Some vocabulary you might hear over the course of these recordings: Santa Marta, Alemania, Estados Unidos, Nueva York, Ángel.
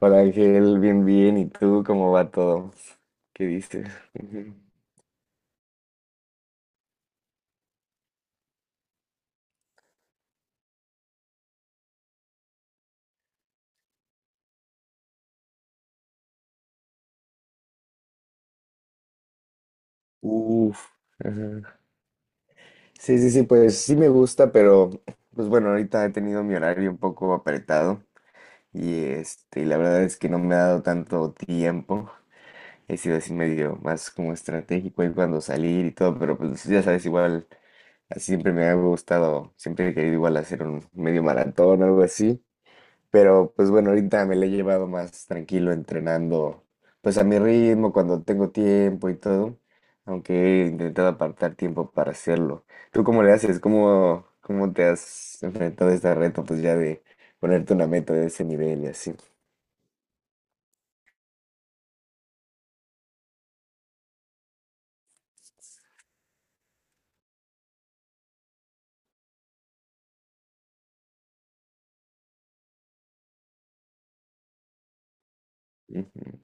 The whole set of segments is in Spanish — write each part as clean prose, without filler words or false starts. Hola Ángel, bien, bien. ¿Y tú cómo va todo? ¿Qué dices? Ujú. Uf. Ajá. Sí, sí, sí, pues sí me gusta, pero pues bueno, ahorita he tenido mi horario un poco apretado y la verdad es que no me ha dado tanto tiempo. He sido así medio más como estratégico en cuando salir y todo, pero pues ya sabes, igual así siempre me ha gustado, siempre he querido igual hacer un medio maratón o algo así. Pero pues bueno, ahorita me la he llevado más tranquilo entrenando, pues a mi ritmo, cuando tengo tiempo y todo, aunque he intentado apartar tiempo para hacerlo. ¿Tú cómo le haces? ¿Cómo, cómo te has enfrentado a este reto, pues ya de ponerte una meta de ese nivel y así? Ujú.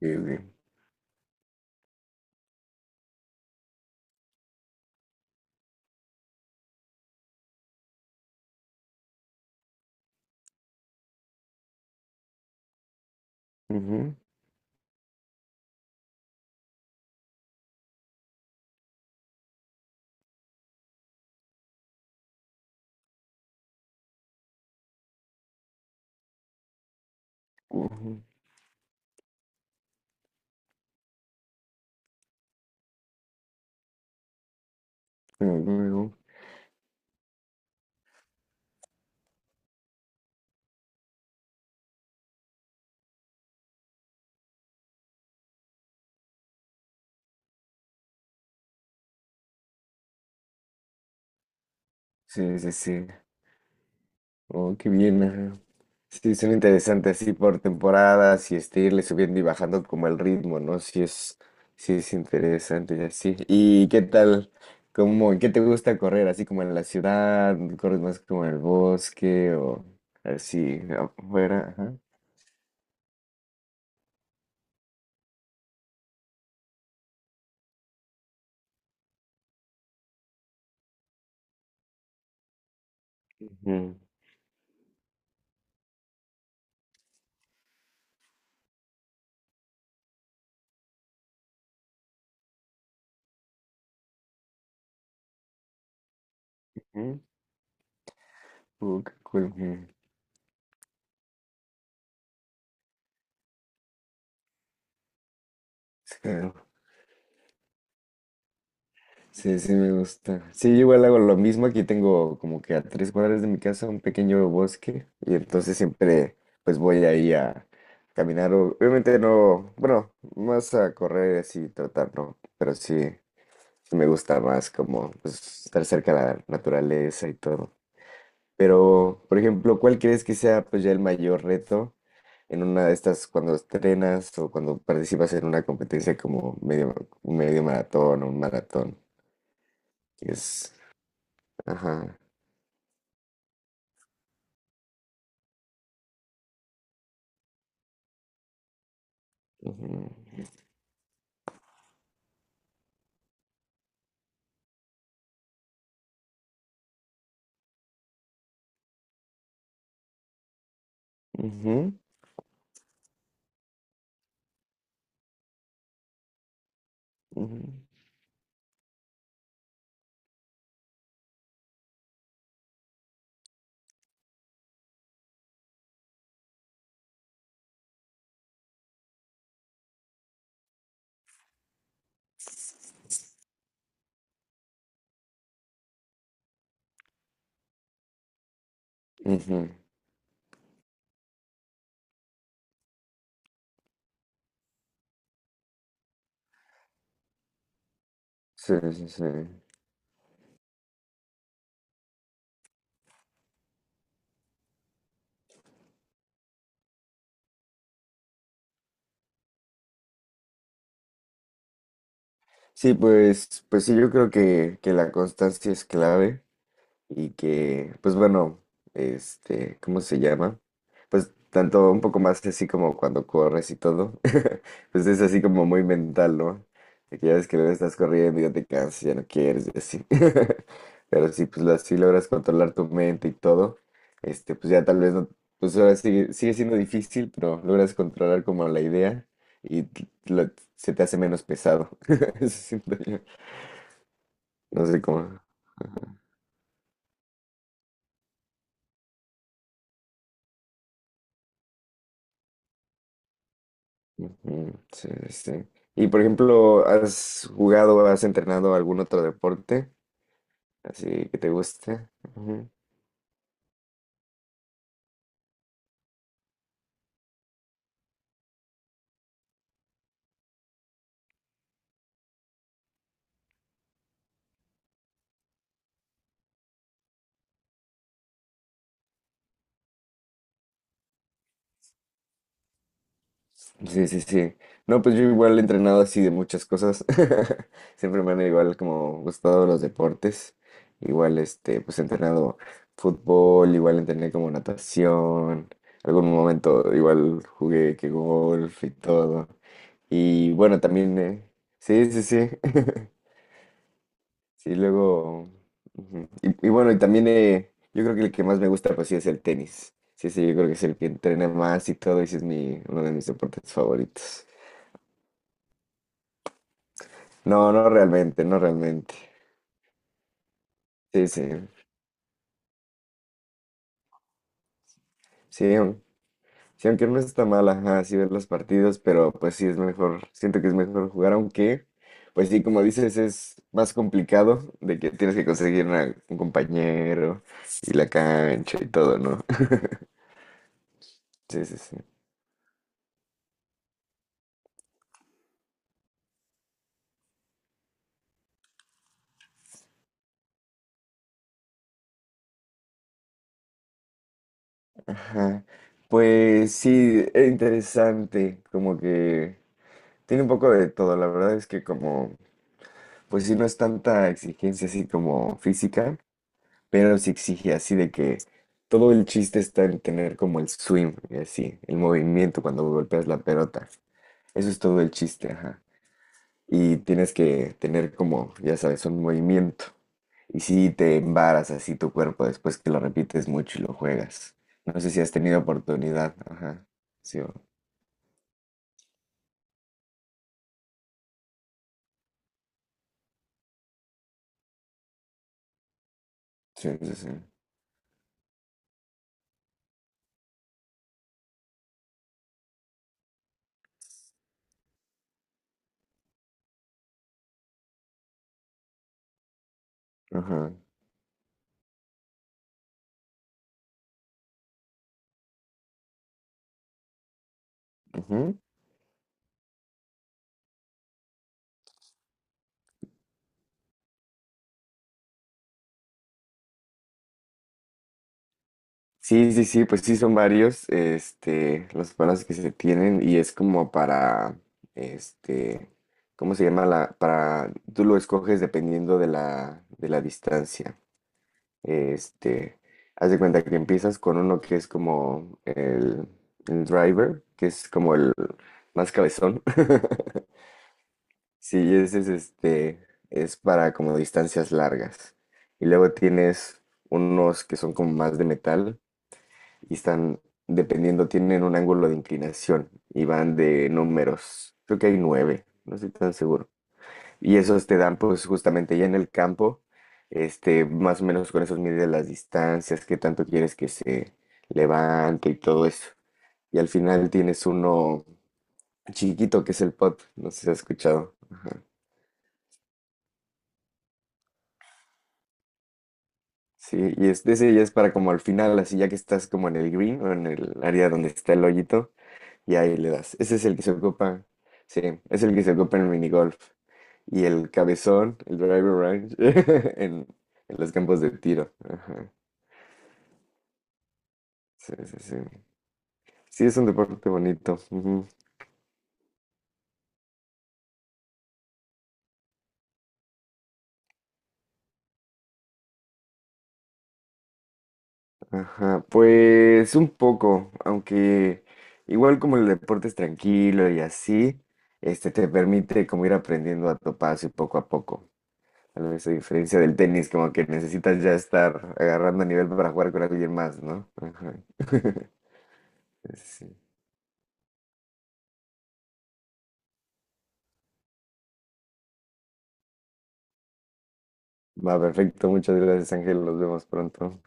Sí, sí. Ujú, ujú, ujú, ujú. Sí, sí, sí. Oh, qué bien. Ajá. Sí, son interesantes así por temporadas y irle subiendo y bajando como el ritmo, ¿no? Sí es interesante y así. ¿Y qué tal? ¿Cómo, qué te gusta correr? ¿Así como en la ciudad? ¿Corres más como en el bosque o así afuera? Ajá. Ujú, ujú. Oh, qué cool. Ujú. Sí. Sí, sí, me gusta. Sí, yo igual hago lo mismo. Aquí tengo como que a tres cuadras de mi casa un pequeño bosque y entonces siempre pues voy ahí a caminar. Obviamente no, bueno, más a correr y así tratar, ¿no? Pero sí, sí me gusta más como pues, estar cerca de la naturaleza y todo. Pero, por ejemplo, ¿cuál crees que sea pues ya el mayor reto en una de estas cuando estrenas o cuando participas en una competencia como medio, medio maratón o un maratón? Que Es Ajá. Ujú, ujú, ujú, ujú. Sí, sí, sí. Sí, pues, pues sí, yo creo que la constancia es clave. Y que, pues bueno, ¿cómo se llama? Pues tanto un poco más así como cuando corres y todo, pues es así como muy mental, ¿no? De que ya ves que luego estás corriendo y ya te cansas, ya no quieres y así. Pero si pues así logras controlar tu mente y todo, pues ya tal vez no, pues ahora sigue siendo difícil, pero logras controlar como la idea y t- lo- se te hace menos pesado. Eso siento yo. No sé cómo. Ujú. Sí, sí. Sí. Y por ejemplo, ¿has jugado o has entrenado algún otro deporte? Así que te guste. Ujú. Sí, sí, sí. No, pues yo igual he entrenado así de muchas cosas. Siempre me han igual como gustado los deportes. Igual, pues he entrenado fútbol, igual entrené como natación. Algún momento igual jugué que golf y todo. Y bueno, también, sí, sí, sí. Sí, luego. Ujú. Y bueno, y también yo creo que el que más me gusta, pues sí, es el tenis. Sí, sí, yo creo que es el que entrena más y todo, y sí es mi, uno de mis deportes favoritos. No, no realmente, no realmente. Sí, sí. Sí, sí, aunque no está mal, ajá, sí ver los partidos, pero pues sí es mejor, siento que es mejor jugar, aunque, pues sí, como dices, es más complicado de que tienes que conseguir un compañero y la cancha y todo, ¿no? Sí, sí, sí. Ajá. Pues sí, es interesante, como que tiene un poco de todo, la verdad es que como, pues sí, no es tanta exigencia así como física, pero sí exige así de que todo el chiste está en tener como el swing, y así, el movimiento cuando golpeas la pelota. Eso es todo el chiste, ajá y tienes que tener como, ya sabes, un movimiento. Y si te embaras así tu cuerpo después que lo repites mucho y lo juegas. No sé si has tenido oportunidad. Ajá. Sí, sí, sí, sí. Ajá. Ujú. Sí, sí, sí, pues sí son varios, los palos que se tienen y es como para, este, ¿cómo se llama la? Para, tú lo escoges dependiendo de la distancia. Este, haz de cuenta que empiezas con uno que es como el driver, que es como el más cabezón. Sí, ese es es para como distancias largas. Y luego tienes unos que son como más de metal y están, dependiendo, tienen un ángulo de inclinación y van de números. Creo que hay nueve, no estoy tan seguro. Y esos te dan pues justamente ya en el campo, más o menos con esos mides las distancias, qué tanto quieres que se levante y todo eso. Y al final tienes uno chiquito que es el pot, no sé si has escuchado. Sí, y es, ese ya es para como al final, así ya que estás como en el green o en el área donde está el hoyito, y ahí le das. Ese es el que se ocupa, sí, es el que se ocupa en el minigolf. Y el cabezón, el driver range, en, en los campos de tiro. Ajá, sí, sí, sí. Sí, es un deporte bonito. Ujú. Ajá. Pues un poco, aunque igual como el deporte es tranquilo y así, te permite como ir aprendiendo a tu paso y poco a poco. Tal vez a diferencia del tenis, como que necesitas ya estar agarrando nivel para jugar con alguien más, ¿no? Ajá. Sí. Va, perfecto. Muchas gracias, Ángel. Nos vemos pronto.